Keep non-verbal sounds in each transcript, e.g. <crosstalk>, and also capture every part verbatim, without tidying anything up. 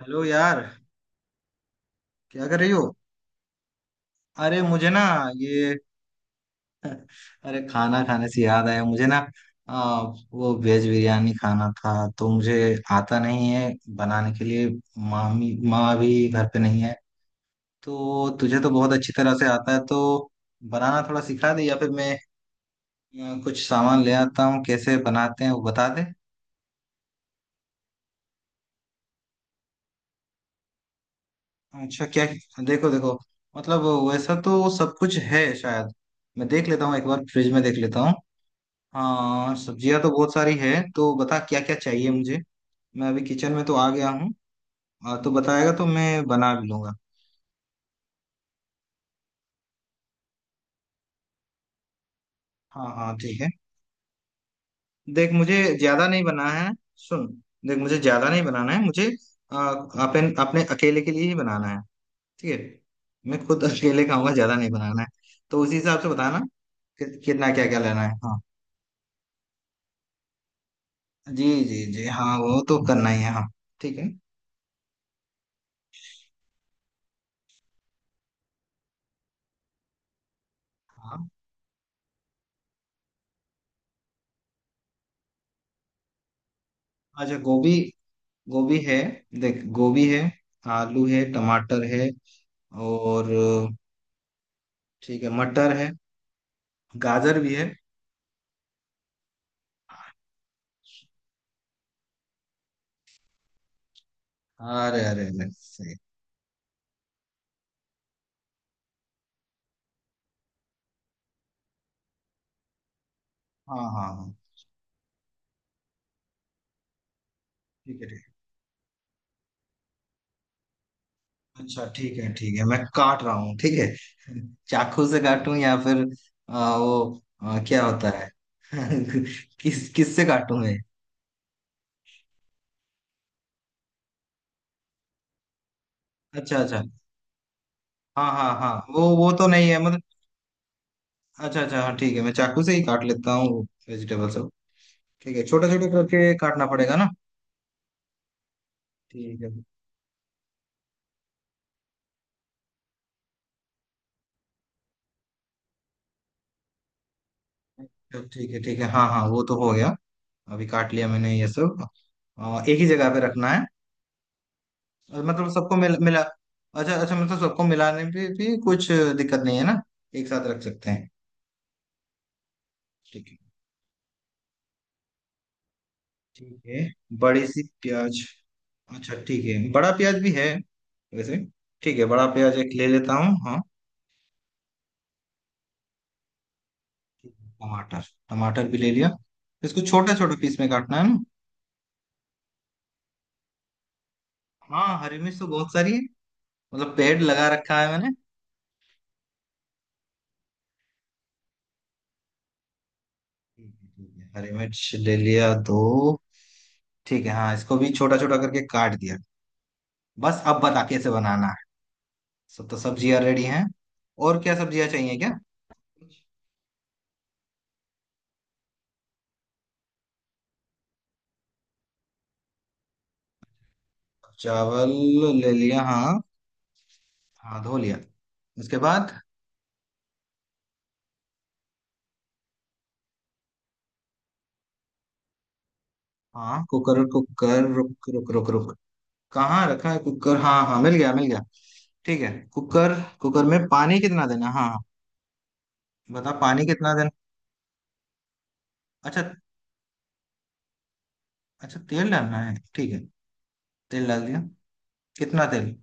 Hello यार। क्या कर रही हो। अरे मुझे ना। ये। अरे खाना खाने से याद आया मुझे ना। आ, वो वेज बिरयानी खाना था। तो मुझे आता नहीं है बनाने के लिए। मामी माँ भी घर पे नहीं है। तो तुझे तो बहुत अच्छी तरह से आता है तो बनाना थोड़ा सिखा दे या फिर मैं आ, कुछ सामान ले आता हूँ। कैसे बनाते हैं वो बता दे। अच्छा क्या? देखो देखो। मतलब वैसा तो सब कुछ है शायद। मैं देख लेता हूँ एक बार फ्रिज में देख लेता हूँ। हाँ सब्जियां तो बहुत सारी है। तो बता क्या क्या चाहिए मुझे। मैं अभी किचन में तो आ गया हूँ। आ, तो बताएगा तो मैं बना भी लूंगा। हाँ हाँ ठीक है। देख मुझे ज्यादा नहीं बनाना है। सुन। देख मुझे ज्यादा नहीं बनाना है मुझे। आ, अपन अपने अकेले के लिए ही बनाना है। ठीक है मैं खुद अकेले खाऊंगा ज्यादा नहीं बनाना है। तो उसी हिसाब से बताना कि कितना क्या क्या लेना है हाँ। जी जी जी हाँ वो तो करना ही है हाँ। ठीक है हाँ। अच्छा गोभी। गोभी है। देख गोभी है। आलू है टमाटर है और ठीक है मटर है गाजर भी है। अरे अरे अरे सही। हाँ हाँ हाँ ठीक है ठीक है। अच्छा ठीक है ठीक है मैं काट रहा हूँ ठीक है। <laughs> चाकू से काटूं या फिर आ, वो आ, क्या होता है? <laughs> किस किससे काटूं मैं? अच्छा अच्छा। हाँ हाँ हाँ वो वो तो नहीं है मतलब। अच्छा अच्छा हाँ ठीक है मैं चाकू से ही काट लेता हूँ वेजिटेबल सब। ठीक है छोटा छोटा करके काटना पड़ेगा ना? ठीक है। तो ठीक है ठीक है हाँ हाँ वो तो हो गया। अभी काट लिया मैंने ये सब। अ, एक ही जगह पे रखना है। और मतलब सबको मिला मिला। अच्छा अच्छा मतलब सबको मिलाने पे भी कुछ दिक्कत नहीं है ना? एक साथ रख सकते हैं। ठीक है ठीक है बड़ी सी प्याज। अच्छा ठीक है बड़ा प्याज भी है वैसे। ठीक है बड़ा प्याज एक ले लेता हूँ हाँ। ठीक है, टमाटर। टमाटर भी ले लिया। इसको छोटे छोटे पीस में काटना है ना? हाँ हरी मिर्च तो बहुत सारी है। मतलब पेड़ लगा रखा है मैंने। ठीक है ठीक है। हरी मिर्च ले लिया दो। ठीक है हाँ इसको भी छोटा छोटा करके काट दिया। बस अब बता कैसे बनाना है। सब तो सब्जियां रेडी हैं। और क्या सब्जियां चाहिए क्या? चावल ले लिया। हाँ हाँ धो लिया। उसके बाद? हाँ कुकर कुकर रुक रुक रुक रुक। कहाँ रखा है कुकर। हाँ हाँ मिल गया मिल गया। ठीक है कुकर। कुकर में पानी कितना देना हाँ हाँ। बता पानी कितना देना। अच्छा। अच्छा तेल डालना है ठीक है। तेल डाल दिया। कितना तेल?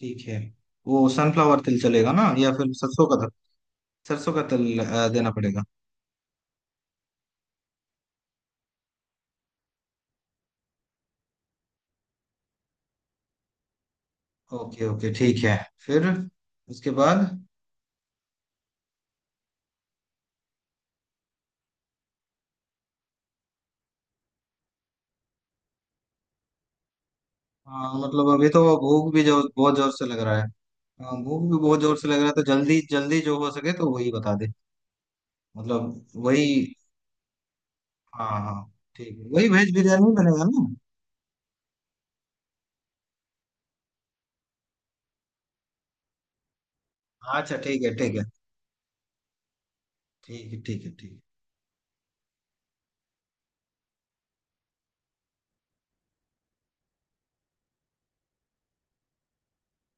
ठीक है वो सनफ्लावर तेल चलेगा ना या फिर सरसों का तेल? सरसों का तेल अ, देना पड़ेगा। ओके ओके ठीक है। फिर? उसके बाद? अ, मतलब अभी तो भूख भी जो बहुत जोर से लग रहा है। अ, भूख भी बहुत जोर से लग रहा है तो जल्दी जल्दी जो हो सके तो वही बता दे। मतलब वही। हाँ हाँ ठीक है वही वेज बिरयानी बनेगा ना? अच्छा ठीक है ठीक है ठीक है ठीक है ठीक है।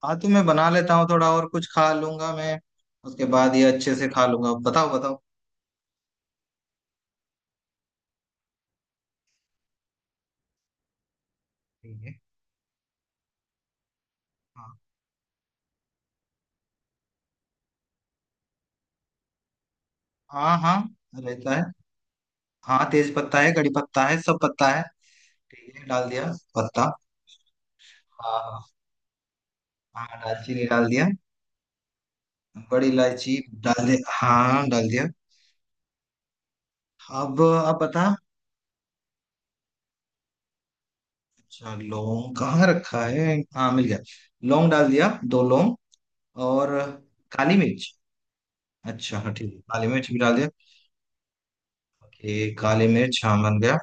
हाँ तो मैं बना लेता हूँ थोड़ा और कुछ खा लूंगा मैं। उसके बाद ये अच्छे से खा लूंगा बताओ बताओ। ठीक है हाँ हाँ हाँ, रहता है। हाँ तेज पत्ता है कड़ी पत्ता है सब पत्ता है। ठीक है डाल दिया पत्ता। हाँ हाँ दालचीनी डाल दिया। बड़ी इलायची डाल दिया हाँ डाल दिया। अब अब बता। अच्छा लौंग कहाँ रखा है हाँ मिल गया। लौंग डाल दिया दो लौंग। और काली मिर्च। अच्छा हाँ ठीक है काली मिर्च भी डाल दिया। ओके काली मिर्च हाँ बन गया।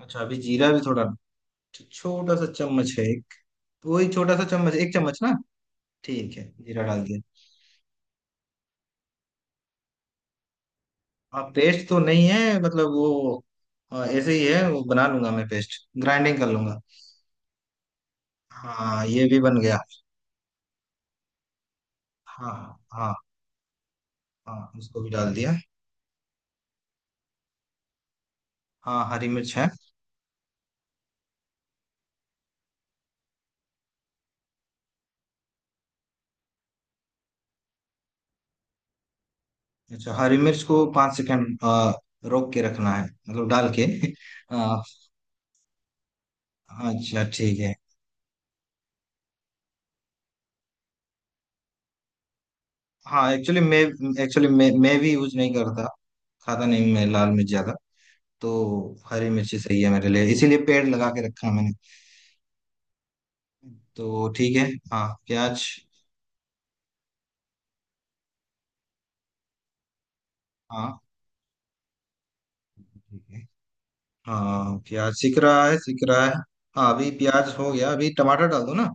अच्छा अभी जीरा भी थोड़ा? छोटा सा चम्मच है एक। वही छोटा सा चम्मच एक चम्मच ना? ठीक है जीरा डाल दिया। हाँ पेस्ट तो नहीं है मतलब वो। हाँ, ऐसे ही है वो बना लूंगा मैं पेस्ट। ग्राइंडिंग कर लूंगा। हाँ ये भी बन गया। हाँ हाँ हाँ उसको भी डाल दिया। हाँ हरी मिर्च है। अच्छा हरी मिर्च को पाँच सेकंड आ, रोक के रखना है मतलब डाल के। <laughs> आ, अच्छा ठीक है। हाँ एक्चुअली मैं एक्चुअली मैं मैं भी यूज नहीं करता। खाता नहीं मैं लाल मिर्च ज्यादा। तो हरी मिर्च ही सही है मेरे लिए इसीलिए पेड़ लगा के रखा है मैंने। तो ठीक है हाँ प्याज हाँ ठीक है। हाँ प्याज सीख रहा है सीख रहा है। हाँ अभी प्याज हो गया अभी टमाटर डाल दो ना।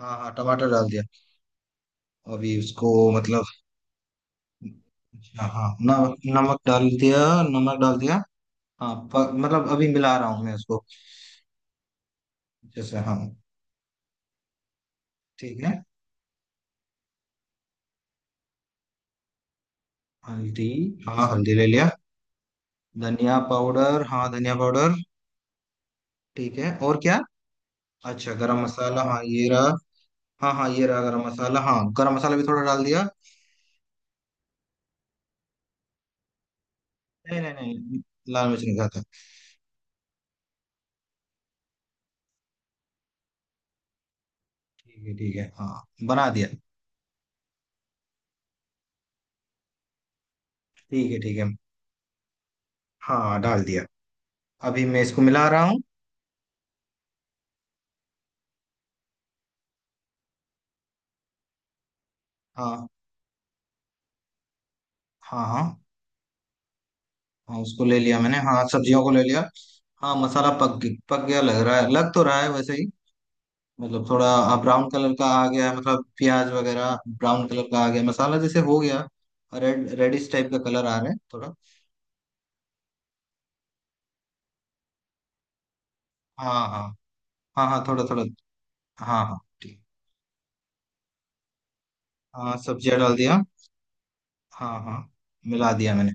हाँ हाँ टमाटर डाल दिया अभी उसको मतलब। हाँ हाँ न- नमक डाल दिया। नमक डाल दिया। हाँ प- मतलब अभी मिला रहा हूँ मैं उसको जैसे हाँ। ठीक है हल्दी। हाँ हल्दी ले लिया। धनिया पाउडर हाँ धनिया पाउडर। ठीक है और क्या? अच्छा गरम मसाला हाँ ये रहा। हाँ हाँ ये रहा गरम मसाला। हाँ गरम मसाला भी थोड़ा डाल दिया। नहीं नहीं नहीं लाल मिर्च नहीं खाता। ठीक है ठीक है हाँ बना दिया। ठीक है ठीक है हाँ डाल दिया अभी मैं इसको मिला रहा हूँ। हाँ हाँ हाँ हाँ उसको ले लिया मैंने। हाँ सब्जियों को ले लिया। हाँ मसाला पक गई- पक गया लग रहा है लग तो रहा है वैसे ही। मतलब थोड़ा हाँ, ब्राउन कलर का आ गया है, मतलब प्याज वगैरह ब्राउन कलर का आ गया मसाला जैसे हो गया। रेड रेडिश टाइप का कलर आ रहा है थोड़ा। हाँ हाँ हाँ हाँ थोड़ा थोड़ा। हाँ हाँ ठीक। हाँ सब्जियाँ डाल दिया। हाँ हाँ मिला दिया मैंने।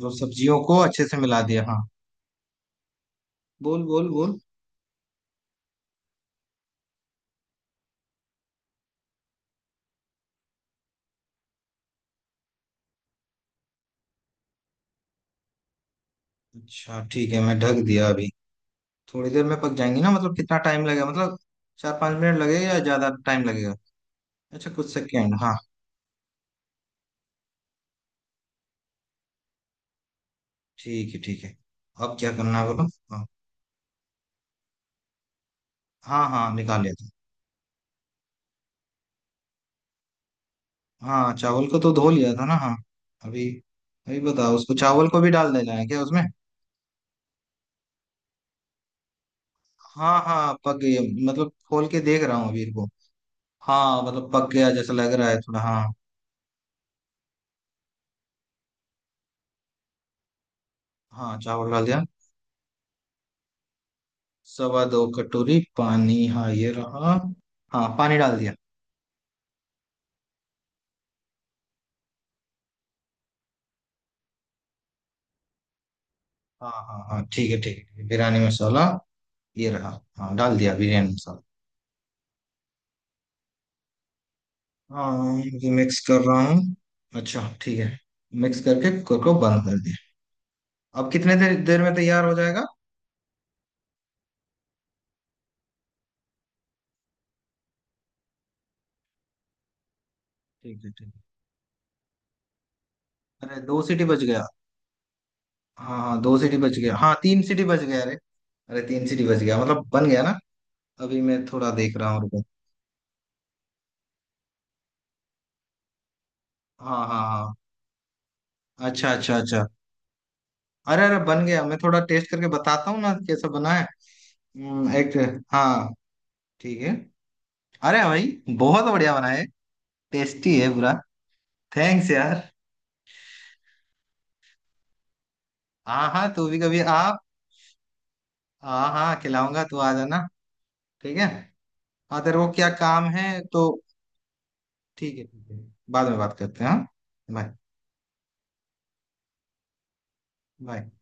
वो सब्जियों को अच्छे से मिला दिया। हाँ बोल बोल बोल। अच्छा ठीक है मैं ढक दिया अभी। थोड़ी देर में पक जाएंगी ना मतलब कितना टाइम लगेगा मतलब चार पाँच मिनट लगेगा या ज्यादा टाइम लगेगा? अच्छा कुछ सेकेंड हाँ ठीक है ठीक है। अब क्या करना है बोलो? हाँ हाँ हाँ निकाल लिया था। हाँ चावल को तो धो लिया था ना हाँ। अभी अभी बताओ उसको चावल को भी डाल देना है क्या उसमें? हाँ हाँ पक गई है। मतलब खोल के देख रहा हूँ अभी इनको। हाँ मतलब पक गया जैसा लग रहा है थोड़ा। हाँ हाँ चावल डाल दिया। सवा दो कटोरी पानी हाँ ये रहा। हाँ पानी डाल दिया। हाँ हाँ हाँ ठीक है ठीक है बिरयानी मसाला ये रहा। हाँ डाल दिया बिरयानी मसाला। हाँ ये मिक्स कर रहा हूँ। अच्छा ठीक है मिक्स करके कुकर को बंद कर दिया। अब कितने देर देर में तैयार हो जाएगा? ठीक है ठीक है अरे दो सीटी बज गया। हाँ हाँ दो सीटी बज गया हाँ तीन सीटी बज गया। अरे अरे तीन सीटी बज गया मतलब बन गया ना? अभी मैं थोड़ा देख रहा हूँ रुको। हाँ हाँ हाँ अच्छा अच्छा अच्छा। अरे अरे बन गया मैं थोड़ा टेस्ट करके बताता हूँ ना कैसा बना है। हम्म, एक हाँ ठीक है। अरे भाई बहुत बढ़िया बना है। टेस्टी है पूरा। थैंक्स यार। हाँ हाँ तू भी कभी आ। हाँ हाँ खिलाऊंगा तू आ जाना। ठीक है और तेरे को क्या काम है तो? ठीक है ठीक है बाद में बात करते हैं हाँ। बाय। बाय।